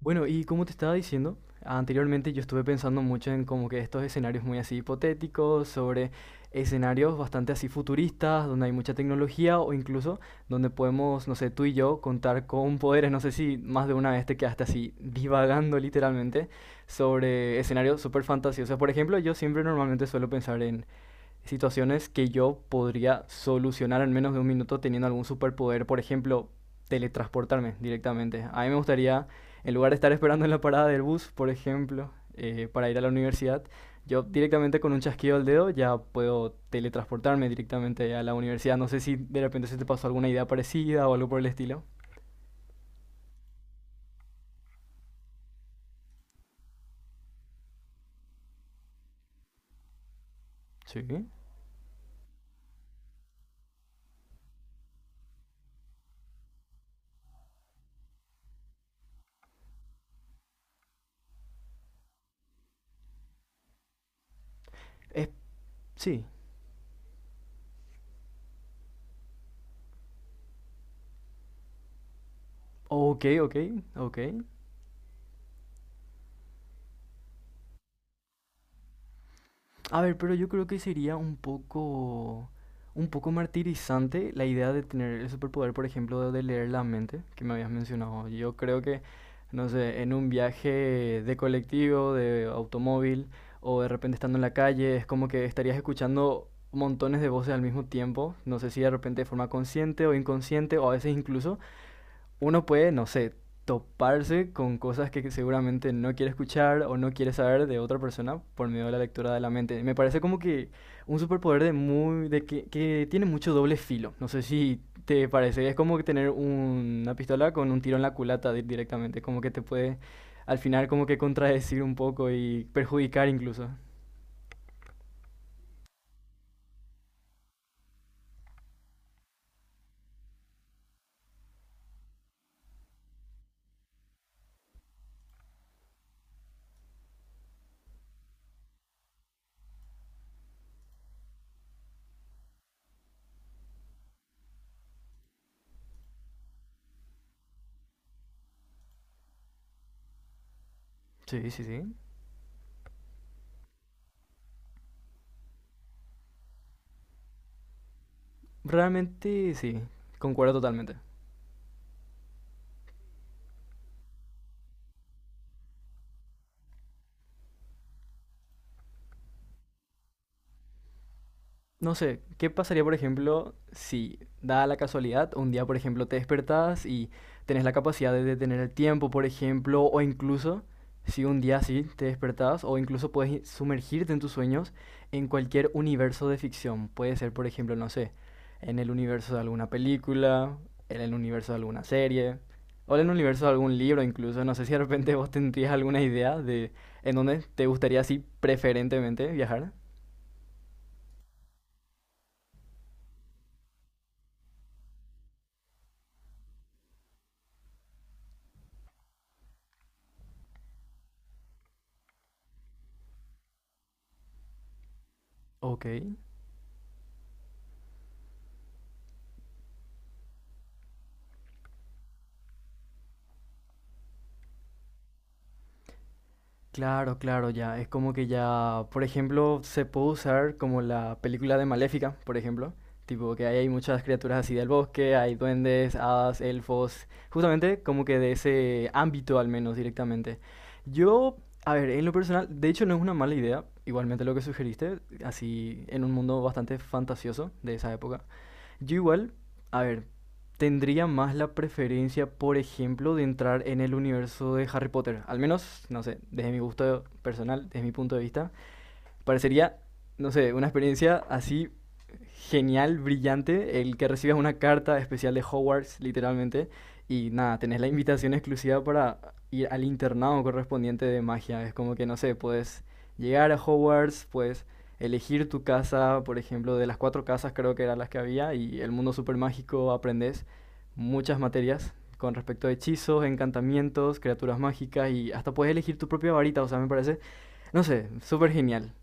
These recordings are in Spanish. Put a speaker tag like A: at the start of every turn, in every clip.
A: Bueno, y como te estaba diciendo, anteriormente yo estuve pensando mucho en como que estos escenarios muy así hipotéticos, sobre escenarios bastante así futuristas, donde hay mucha tecnología o incluso donde podemos, no sé, tú y yo contar con poderes, no sé si más de una vez te quedaste así divagando literalmente sobre escenarios súper fantasiosos. Por ejemplo, yo siempre normalmente suelo pensar en situaciones que yo podría solucionar en menos de un minuto teniendo algún superpoder. Por ejemplo, teletransportarme directamente. A mí me gustaría, en lugar de estar esperando en la parada del bus, por ejemplo, para ir a la universidad, yo directamente con un chasquido del dedo ya puedo teletransportarme directamente a la universidad. No sé si de repente se te pasó alguna idea parecida o algo por el estilo. Sí. Es, sí. Ok, ok, ok. A ver, pero yo creo que sería un poco martirizante la idea de tener el superpoder, por ejemplo, de leer la mente, que me habías mencionado. Yo creo que, no sé, en un viaje de colectivo, de automóvil, o de repente estando en la calle, es como que estarías escuchando montones de voces al mismo tiempo, no sé si de repente de forma consciente o inconsciente, o a veces incluso uno puede, no sé, toparse con cosas que seguramente no quiere escuchar o no quiere saber de otra persona por medio de la lectura de la mente. Me parece como que un superpoder de muy de que tiene mucho doble filo. No sé si te parece, es como que tener una pistola con un tiro en la culata directamente, como que te puede al final como que contradecir un poco y perjudicar incluso. Sí, sí, sí. Realmente sí, concuerdo totalmente. No sé, ¿qué pasaría, por ejemplo, si, dada la casualidad, un día, por ejemplo, te despertás y tenés la capacidad de detener el tiempo, por ejemplo, o incluso si un día sí te despertás, o incluso puedes sumergirte en tus sueños en cualquier universo de ficción? Puede ser, por ejemplo, no sé, en el universo de alguna película, en el universo de alguna serie, o en el universo de algún libro, incluso. No sé si de repente vos tendrías alguna idea de en dónde te gustaría, así, preferentemente viajar. Ok. Claro, claro, ya. Es como que ya, por ejemplo, se puede usar como la película de Maléfica, por ejemplo. Tipo que ahí hay muchas criaturas así del bosque, hay duendes, hadas, elfos, justamente como que de ese ámbito al menos directamente. Yo, a ver, en lo personal, de hecho no es una mala idea, igualmente lo que sugeriste, así en un mundo bastante fantasioso de esa época. Yo igual, a ver, tendría más la preferencia, por ejemplo, de entrar en el universo de Harry Potter. Al menos, no sé, desde mi gusto personal, desde mi punto de vista. Parecería, no sé, una experiencia así genial, brillante, el que recibas una carta especial de Hogwarts, literalmente, y nada, tenés la invitación exclusiva para ir al internado correspondiente de magia. Es como que, no sé, puedes llegar a Hogwarts, puedes elegir tu casa, por ejemplo, de las cuatro casas creo que eran las que había, y el mundo super mágico aprendes muchas materias con respecto a hechizos, encantamientos, criaturas mágicas y hasta puedes elegir tu propia varita, o sea, me parece, no sé, súper genial.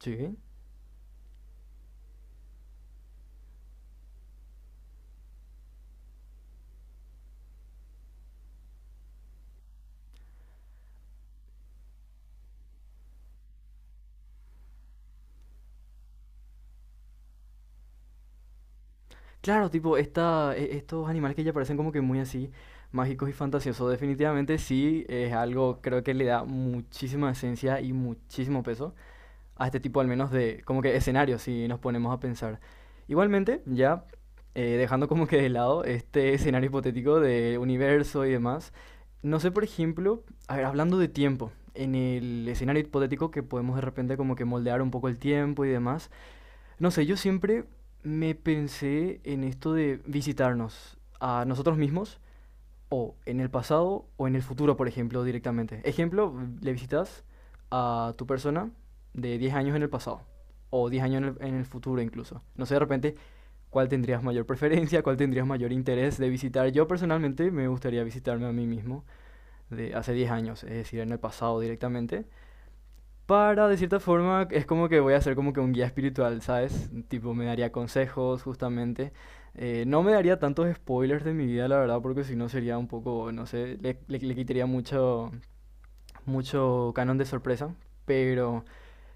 A: Sí. Claro, tipo, esta, estos animales que ya parecen como que muy así, mágicos y fantasiosos, definitivamente sí es algo, creo que le da muchísima esencia y muchísimo peso a este tipo, al menos de, como que escenarios, si nos ponemos a pensar. Igualmente, ya dejando como que de lado este escenario hipotético de universo y demás, no sé, por ejemplo, a ver, hablando de tiempo, en el escenario hipotético que podemos de repente como que moldear un poco el tiempo y demás. No sé, yo siempre me pensé en esto de visitarnos a nosotros mismos o en el pasado o en el futuro, por ejemplo, directamente. Ejemplo, le visitas a tu persona de 10 años en el pasado o 10 años en el futuro incluso. No sé, de repente, cuál tendrías mayor preferencia, cuál tendrías mayor interés de visitar. Yo personalmente me gustaría visitarme a mí mismo de hace 10 años, es decir, en el pasado directamente para, de cierta forma, es como que voy a ser como que un guía espiritual, ¿sabes? Tipo, me daría consejos, justamente. No me daría tantos spoilers de mi vida, la verdad, porque si no sería un poco, no sé, le quitaría mucho, mucho canon de sorpresa. Pero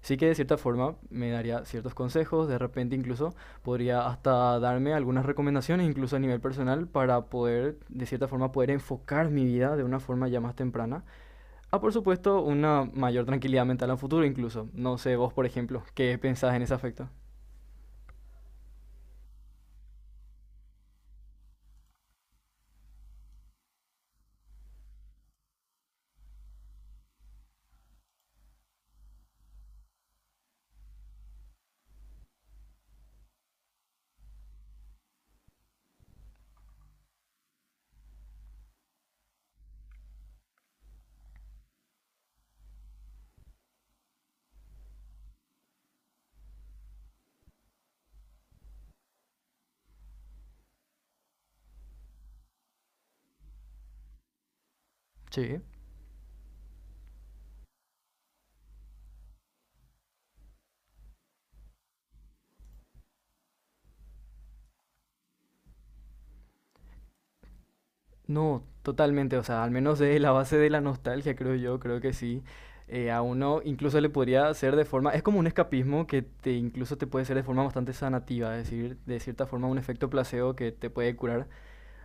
A: sí que de cierta forma me daría ciertos consejos, de repente incluso podría hasta darme algunas recomendaciones, incluso a nivel personal, para poder, de cierta forma, poder enfocar mi vida de una forma ya más temprana a, por supuesto, una mayor tranquilidad mental a futuro incluso. No sé, vos, por ejemplo, ¿qué pensás en ese aspecto? Sí. No, totalmente, o sea, al menos de la base de la nostalgia, creo yo, creo que sí. A uno incluso le podría hacer de forma, es como un escapismo que te incluso te puede ser de forma bastante sanativa, es decir, de cierta forma un efecto placebo que te puede curar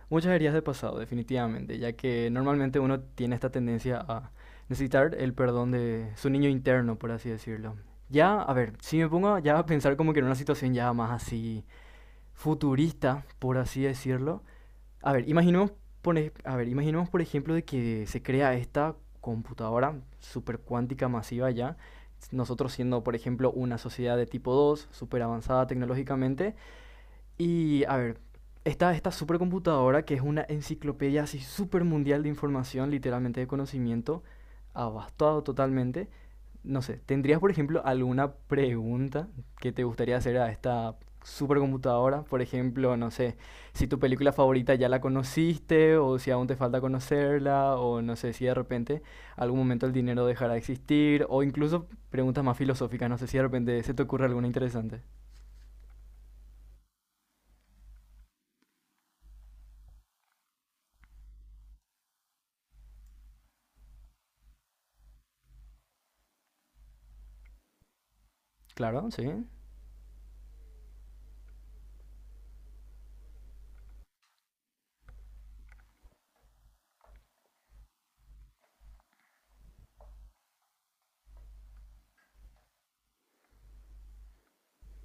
A: muchas heridas de pasado, definitivamente, ya que normalmente uno tiene esta tendencia a necesitar el perdón de su niño interno, por así decirlo. Ya, a ver, si me pongo ya a pensar como que en una situación ya más así futurista, por así decirlo. A ver, imaginemos, por ejemplo de que se crea esta computadora supercuántica masiva ya, nosotros siendo por ejemplo una sociedad de tipo 2 súper avanzada tecnológicamente, y a ver, está esta supercomputadora que es una enciclopedia así super mundial de información, literalmente de conocimiento, abastado totalmente. No sé, ¿tendrías por ejemplo alguna pregunta que te gustaría hacer a esta supercomputadora? Por ejemplo, no sé, si tu película favorita ya la conociste o si aún te falta conocerla o no sé si de repente algún momento el dinero dejará de existir o incluso preguntas más filosóficas, no sé si de repente se te ocurre alguna interesante. Claro, sí.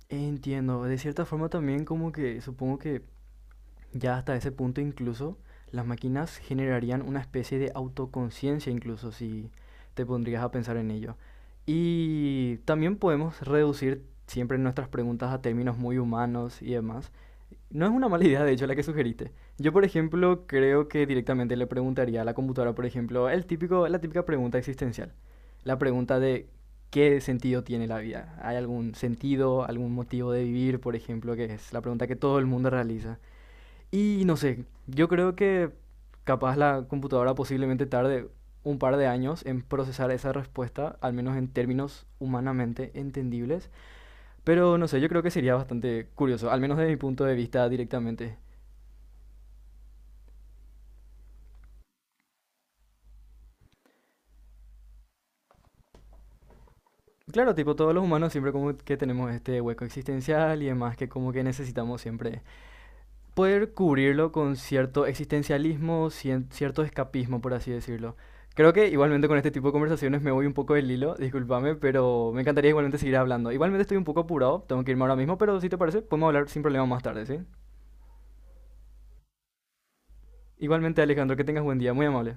A: Entiendo, de cierta forma también como que supongo que ya hasta ese punto incluso las máquinas generarían una especie de autoconciencia incluso si te pondrías a pensar en ello. Y también podemos reducir siempre nuestras preguntas a términos muy humanos y demás, no es una mala idea, de hecho, la que sugeriste. Yo, por ejemplo, creo que directamente le preguntaría a la computadora, por ejemplo, el típico, la típica pregunta existencial. La pregunta de ¿qué sentido tiene la vida? ¿Hay algún sentido, algún motivo de vivir, por ejemplo, que es la pregunta que todo el mundo realiza? Y no sé, yo creo que capaz la computadora posiblemente tarde un par de años en procesar esa respuesta, al menos en términos humanamente entendibles. Pero no sé, yo creo que sería bastante curioso, al menos desde mi punto de vista directamente. Claro, tipo, todos los humanos siempre como que tenemos este hueco existencial y demás que como que necesitamos siempre poder cubrirlo con cierto existencialismo, cierto escapismo, por así decirlo. Creo que igualmente con este tipo de conversaciones me voy un poco del hilo, discúlpame, pero me encantaría igualmente seguir hablando. Igualmente estoy un poco apurado, tengo que irme ahora mismo, pero si te parece, podemos hablar sin problema más tarde, ¿sí? Igualmente, Alejandro, que tengas buen día, muy amable.